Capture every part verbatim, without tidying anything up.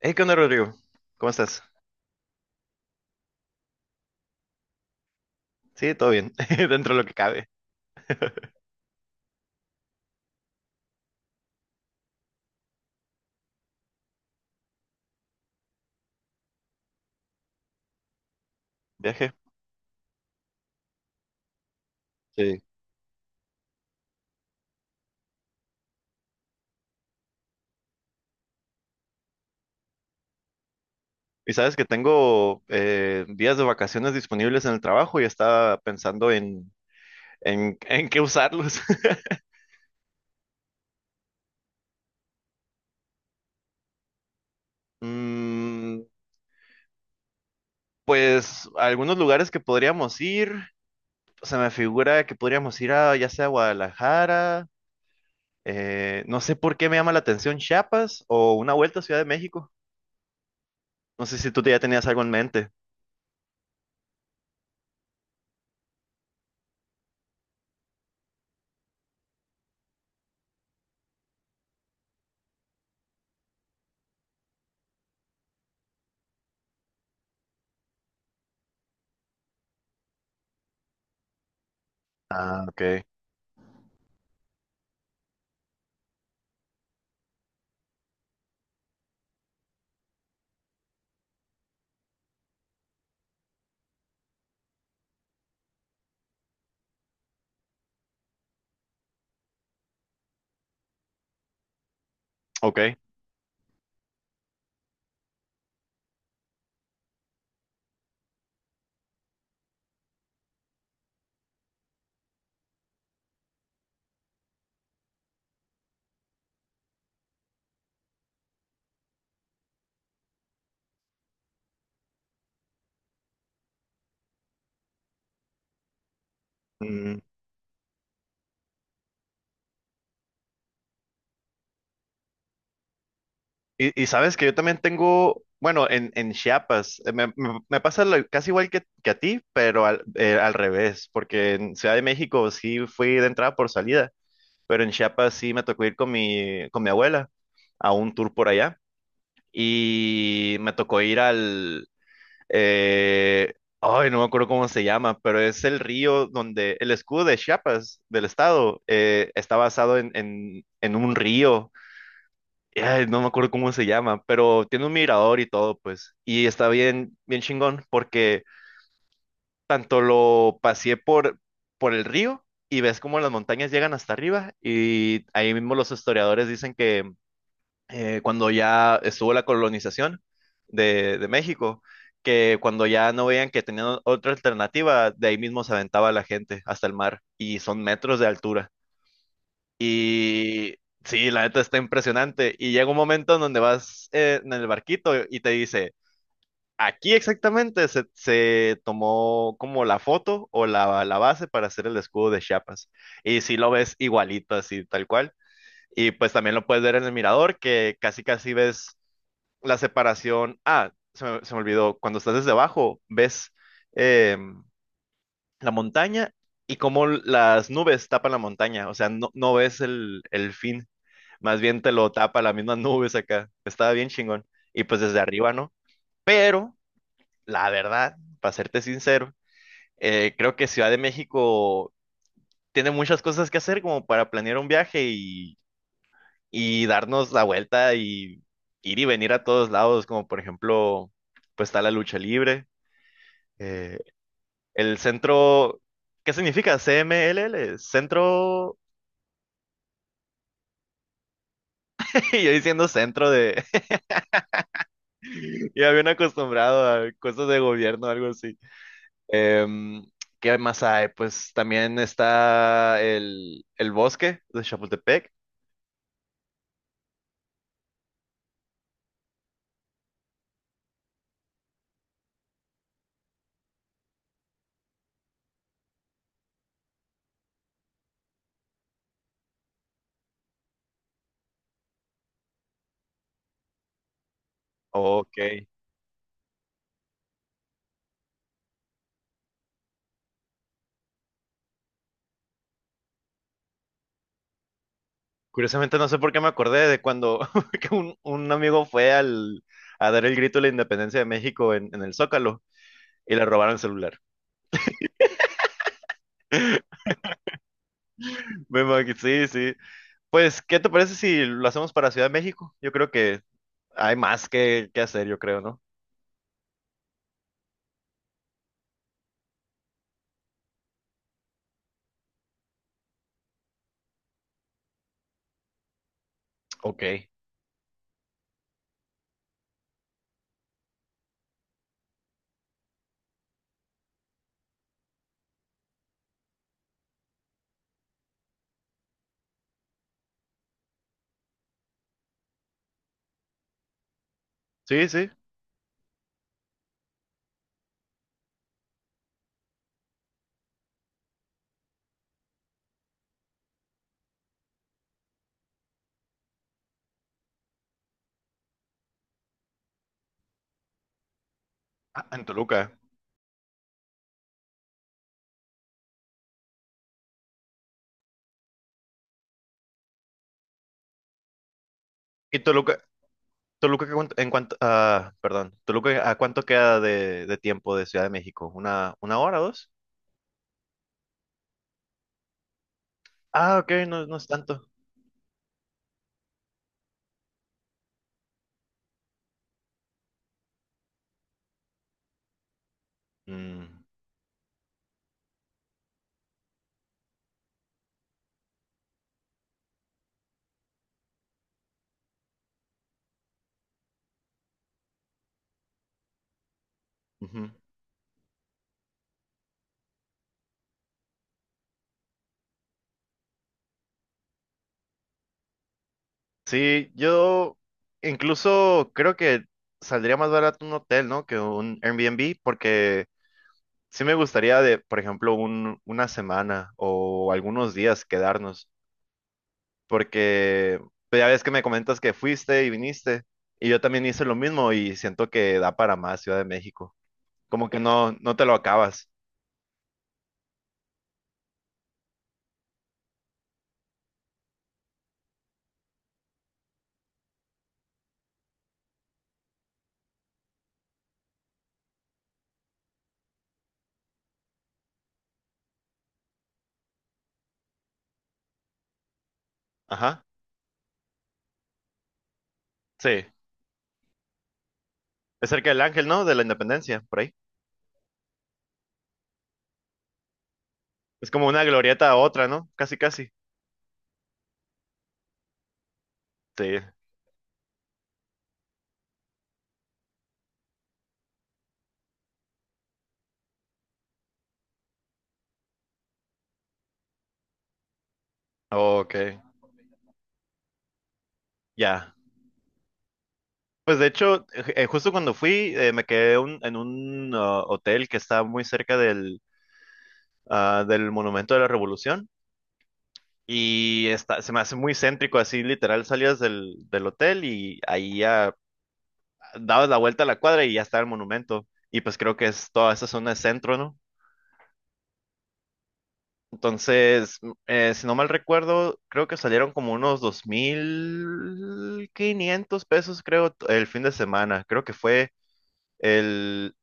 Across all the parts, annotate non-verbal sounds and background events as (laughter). Hey, ¿qué onda, Rodrigo? ¿Cómo estás? Sí, todo bien, (laughs) dentro de lo que cabe. (laughs) Viaje. Sí. Y sabes que tengo eh, días de vacaciones disponibles en el trabajo y estaba pensando en, en, (laughs) en qué usarlos. (laughs) Mm, pues algunos lugares que podríamos ir, se me figura que podríamos ir a ya sea Guadalajara, eh, no sé por qué me llama la atención Chiapas o una vuelta a Ciudad de México. No sé si tú ya tenías algo en mente. Ah, ok, ok. Y, y sabes que yo también tengo, bueno, en, en Chiapas, eh, me, me- me pasa lo- casi igual que, que a ti, pero al, eh, al revés, porque en Ciudad de México sí fui de entrada por salida, pero en Chiapas sí me tocó ir con mi, con mi abuela a un tour por allá y me tocó ir al, eh, ay, no me acuerdo cómo se llama, pero es el río donde el escudo de Chiapas, del estado, eh, está basado en, en en un río. Ay, no me acuerdo cómo se llama, pero tiene un mirador y todo, pues. Y está bien, bien chingón, porque tanto lo paseé por, por el río y ves cómo las montañas llegan hasta arriba. Y ahí mismo los historiadores dicen que eh, cuando ya estuvo la colonización de, de México, que cuando ya no veían que tenían otra alternativa, de ahí mismo se aventaba la gente hasta el mar. Y son metros de altura. Y sí, la neta está impresionante. Y llega un momento en donde vas eh, en el barquito y te dice, aquí exactamente se, se tomó como la foto o la, la base para hacer el escudo de Chiapas. Y si lo ves igualito, así tal cual. Y pues también lo puedes ver en el mirador, que casi casi ves la separación. Ah, se me, se me olvidó. Cuando estás desde abajo, ves em, la montaña y cómo las nubes tapan la montaña. O sea, no, no ves el, el fin. Más bien te lo tapa las mismas nubes acá. Estaba bien chingón. Y pues desde arriba, ¿no? Pero, la verdad, para serte sincero, eh, creo que Ciudad de México tiene muchas cosas que hacer como para planear un viaje y, y darnos la vuelta y ir y venir a todos lados, como por ejemplo, pues está la lucha libre. eh, el centro, ¿qué significa? C M L L, centro, (laughs) y yo diciendo centro de, (laughs) ya bien acostumbrado a cosas de gobierno, algo así. Em, ¿Qué más hay? Pues también está el, el bosque de Chapultepec. Ok. Curiosamente no sé por qué me acordé de cuando (laughs) que un, un amigo fue al, a dar el grito de la independencia de México en, en el Zócalo y le robaron el celular. (laughs) Me imagino, sí, sí. Pues, ¿qué te parece si lo hacemos para Ciudad de México? Yo creo que hay más que, que hacer, yo creo, ¿no? Ok. Sí, sí. Ah, en Toluca. ¿Y Toluca, Toluca, ¿a cuánto- en cuanto, ah, perdón, Toluca, ¿a cuánto queda de, de tiempo de Ciudad de México? ¿Una, una hora, o dos? Ah, ok, no, no es tanto. Mm, ujú. Sí, yo incluso creo que saldría más barato un hotel, ¿no? Que un Airbnb, porque sí me gustaría de, por ejemplo, un, una semana o algunos días quedarnos, porque pues, ya ves que me comentas que fuiste y viniste, y yo también hice lo mismo y siento que da para más Ciudad de México. Como que no, no te lo acabas. Ajá, sí. Es cerca del Ángel, ¿no? De la Independencia, por ahí. Es como una glorieta a otra, ¿no? Casi, casi. Sí. Ok, ya. Pues de hecho, eh, eh, justo cuando fui, eh, me quedé un- en un ah, hotel que está muy cerca del, ah, del Monumento de la Revolución. Y está, se me hace muy céntrico, así literal salías del, del hotel y ahí ya dabas la vuelta a la cuadra y ya está el monumento. Y pues creo que es toda esa zona es centro, ¿no? Entonces, eh, si no mal recuerdo, creo que salieron como unos dos mil quinientos pesos, creo, t- el fin de semana. Creo que fue el,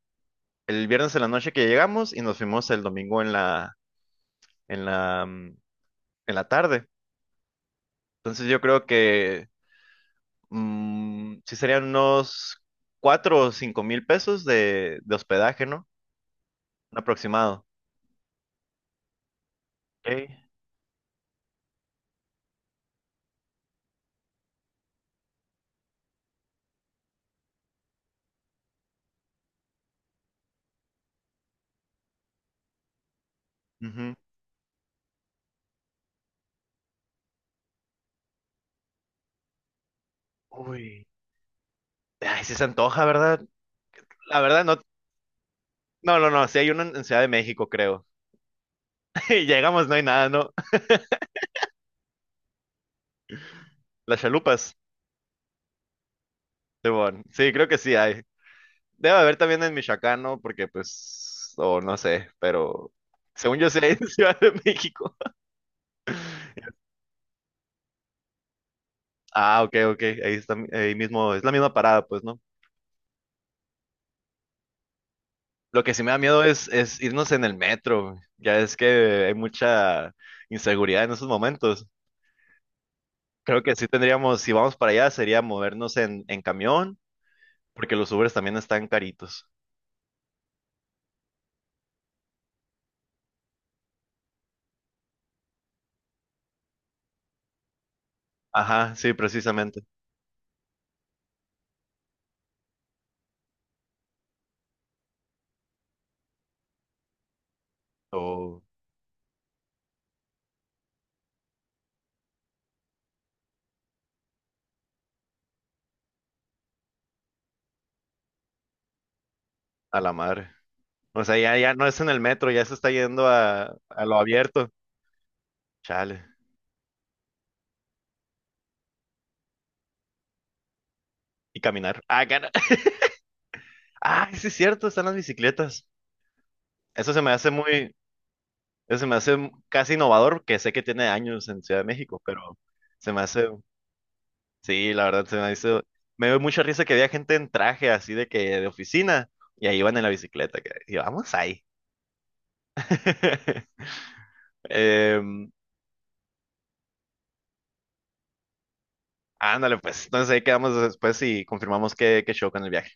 el viernes en la noche que llegamos y nos fuimos el domingo en la, en la, mm, en la tarde. Entonces, yo creo que mm, sí serían unos cuatro o cinco mil pesos de, de hospedaje, ¿no? Un aproximado. Ok. Ujú. Uy. Ay, sí se antoja, ¿verdad? La verdad, no. No, no, no, sí hay uno en en Ciudad de México, creo. (laughs) Y llegamos, no hay nada, ¿no? Las chalupas, Simón. Sí, creo que sí hay. Debe haber también en Michoacán, ¿no? Porque, pues, o no sé, pero según yo sí hay en (laughs) Ciudad de México. Ah, ok, ok. Ahí está, ahí mismo, es la misma parada, pues, ¿no? Lo que sí me da miedo es, es irnos en el metro. Ya es que hay mucha inseguridad en esos momentos. Creo que sí tendríamos, si vamos para allá, sería movernos en, en camión, porque los Ubers también están caritos. Ajá, sí, precisamente. O a la madre. O sea, ya, ya no es en el metro, ya se está yendo a, a lo abierto. Chale. Y caminar. Ah, cara. (laughs) Ah, sí es cierto, están las bicicletas. Eso se me hace muy, eso se me hace m- casi innovador, que sé que tiene años en Ciudad de México, pero se me hace, sí, la verdad, se me hizo, me dio mucha risa que había gente en traje así de que de oficina y ahí iban en la bicicleta. Que- Y vamos ahí. (laughs) Em, ándale, pues, entonces ahí quedamos después y confirmamos qué, qué show con el viaje.